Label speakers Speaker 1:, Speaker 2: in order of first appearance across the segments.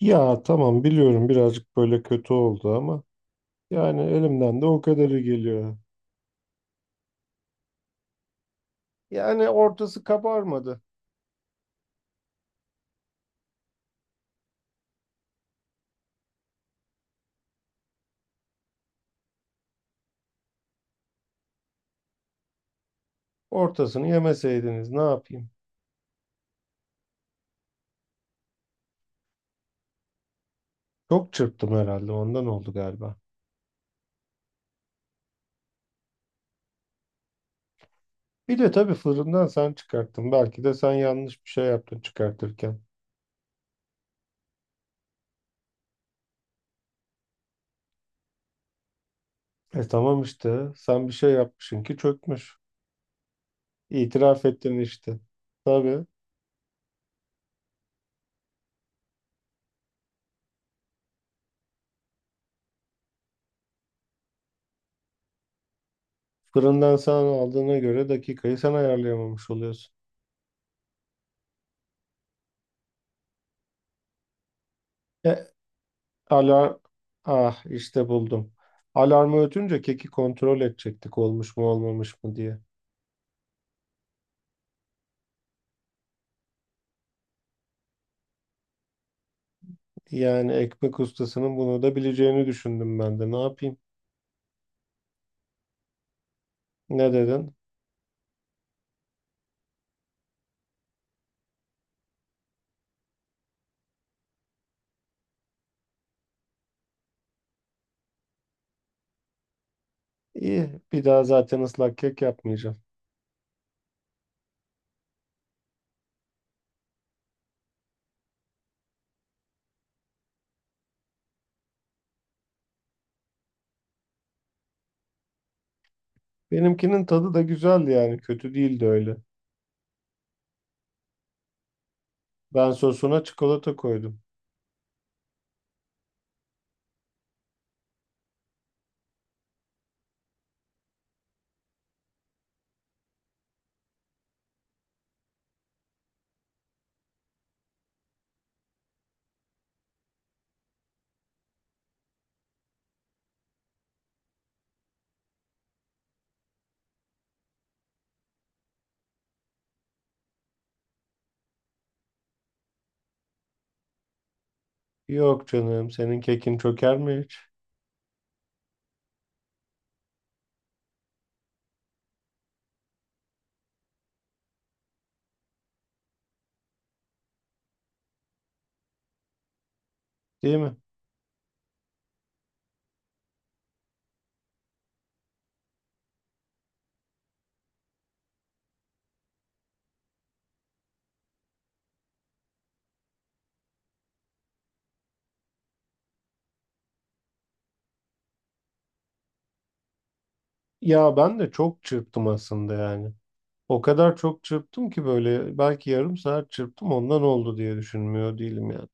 Speaker 1: Ya tamam biliyorum birazcık böyle kötü oldu ama yani elimden de o kadarı geliyor. Yani ortası kabarmadı. Ortasını yemeseydiniz ne yapayım? Çok çırptım herhalde ondan oldu galiba. Bir de tabii fırından sen çıkarttın. Belki de sen yanlış bir şey yaptın çıkartırken. E tamam işte sen bir şey yapmışsın ki çökmüş. İtiraf ettin işte. Tabii fırından sen aldığına göre dakikayı sen ayarlayamamış oluyorsun. E Alar Ah işte buldum. Alarmı ötünce keki kontrol edecektik olmuş mu olmamış mı diye. Yani ekmek ustasının bunu da bileceğini düşündüm ben de. Ne yapayım? Ne dedin? İyi, bir daha zaten ıslak kek yapmayacağım. Benimkinin tadı da güzeldi yani kötü değildi öyle. Ben sosuna çikolata koydum. Yok canım, senin kekin çöker mi hiç? Değil mi? Ya ben de çok çırptım aslında yani. O kadar çok çırptım ki böyle belki yarım saat çırptım ondan oldu diye düşünmüyor değilim yani.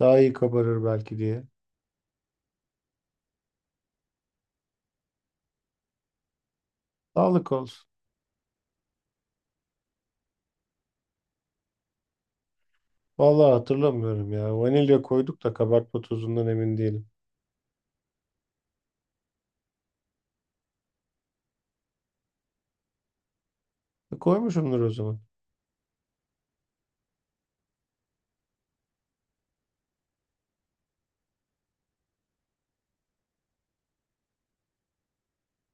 Speaker 1: Daha iyi kabarır belki diye. Sağlık olsun. Vallahi hatırlamıyorum ya. Vanilya koyduk da kabartma tozundan emin değilim. Koymuşumdur o zaman.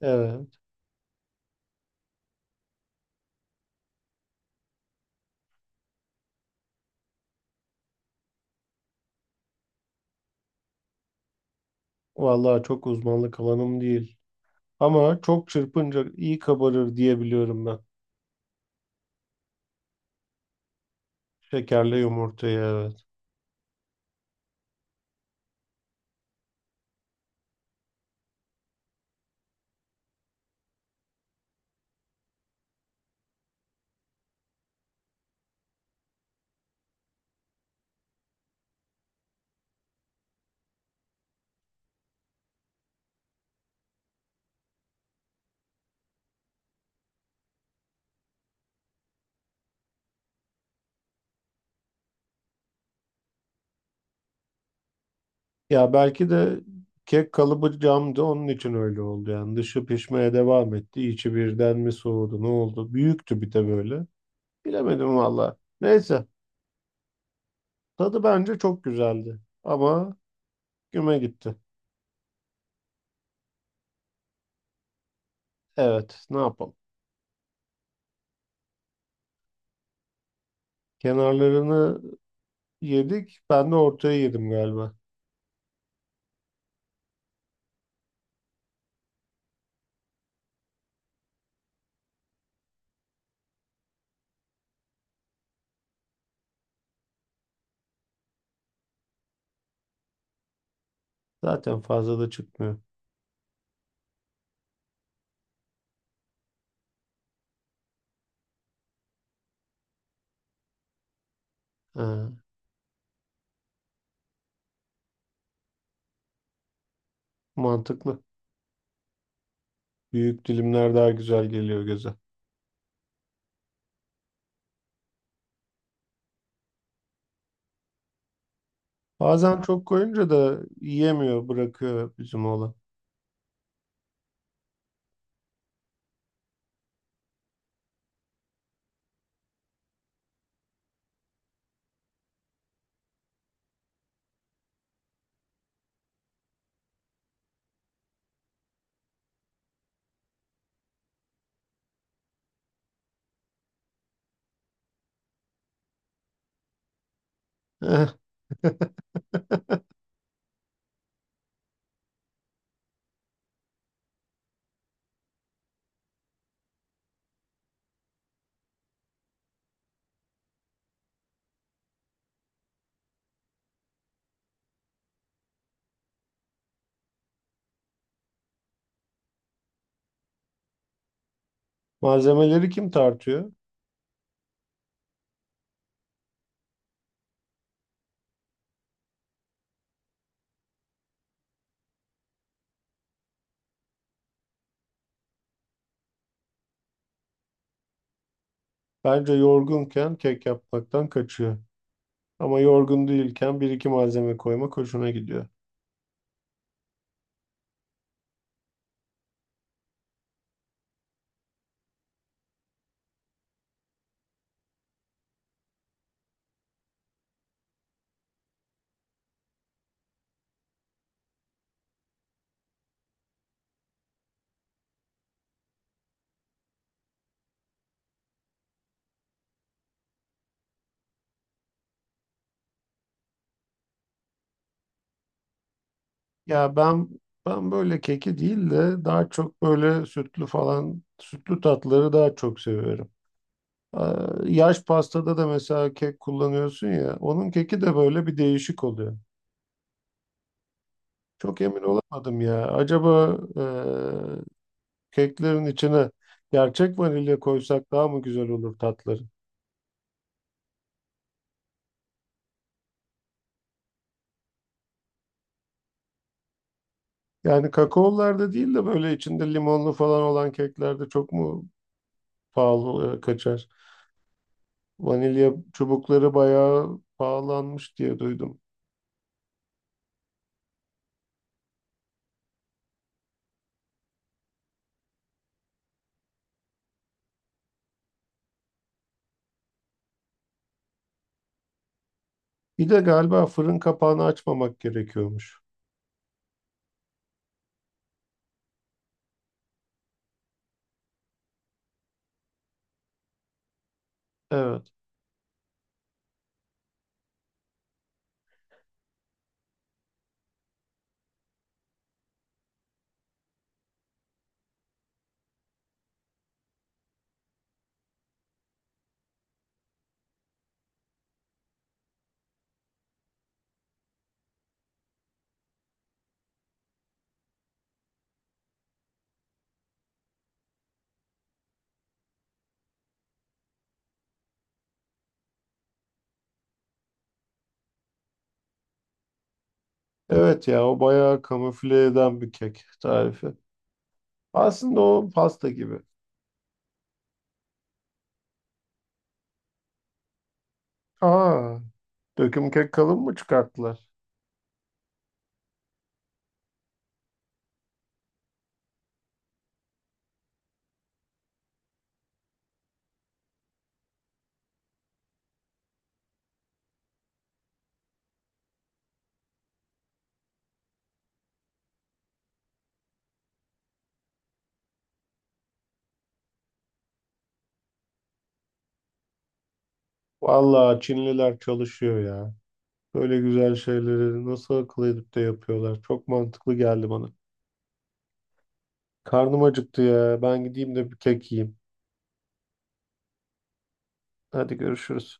Speaker 1: Evet. Vallahi çok uzmanlık alanım değil. Ama çok çırpınca iyi kabarır diye biliyorum ben. Şekerle yumurtayı evet. Ya belki de kek kalıbı camdı onun için öyle oldu yani. Dışı pişmeye devam etti. İçi birden mi soğudu ne oldu? Büyüktü bir de böyle. Bilemedim valla. Neyse. Tadı bence çok güzeldi. Ama güme gitti. Evet. Ne yapalım? Kenarlarını yedik. Ben de ortaya yedim galiba. Zaten fazla da çıkmıyor. Ha, mantıklı. Büyük dilimler daha güzel geliyor göze. Bazen çok koyunca da yiyemiyor, bırakıyor bizim oğlan. Malzemeleri kim tartıyor? Bence yorgunken kek yapmaktan kaçıyor. Ama yorgun değilken bir iki malzeme koymak hoşuna gidiyor. Ya ben böyle keki değil de daha çok böyle sütlü falan sütlü tatları daha çok seviyorum. Yaş pastada da mesela kek kullanıyorsun ya onun keki de böyle bir değişik oluyor. Çok emin olamadım ya. Acaba keklerin içine gerçek vanilya koysak daha mı güzel olur tatları? Yani kakaolarda değil de böyle içinde limonlu falan olan keklerde çok mu pahalı kaçar? Vanilya çubukları bayağı pahalanmış diye duydum. Bir de galiba fırın kapağını açmamak gerekiyormuş. Evet. Evet ya o bayağı kamufle eden bir kek tarifi. Aslında o pasta gibi. Aa, döküm kek kalın mı çıkarttılar? Vallahi Çinliler çalışıyor ya. Böyle güzel şeyleri nasıl akıl edip de yapıyorlar. Çok mantıklı geldi bana. Karnım acıktı ya. Ben gideyim de bir kek yiyeyim. Hadi görüşürüz.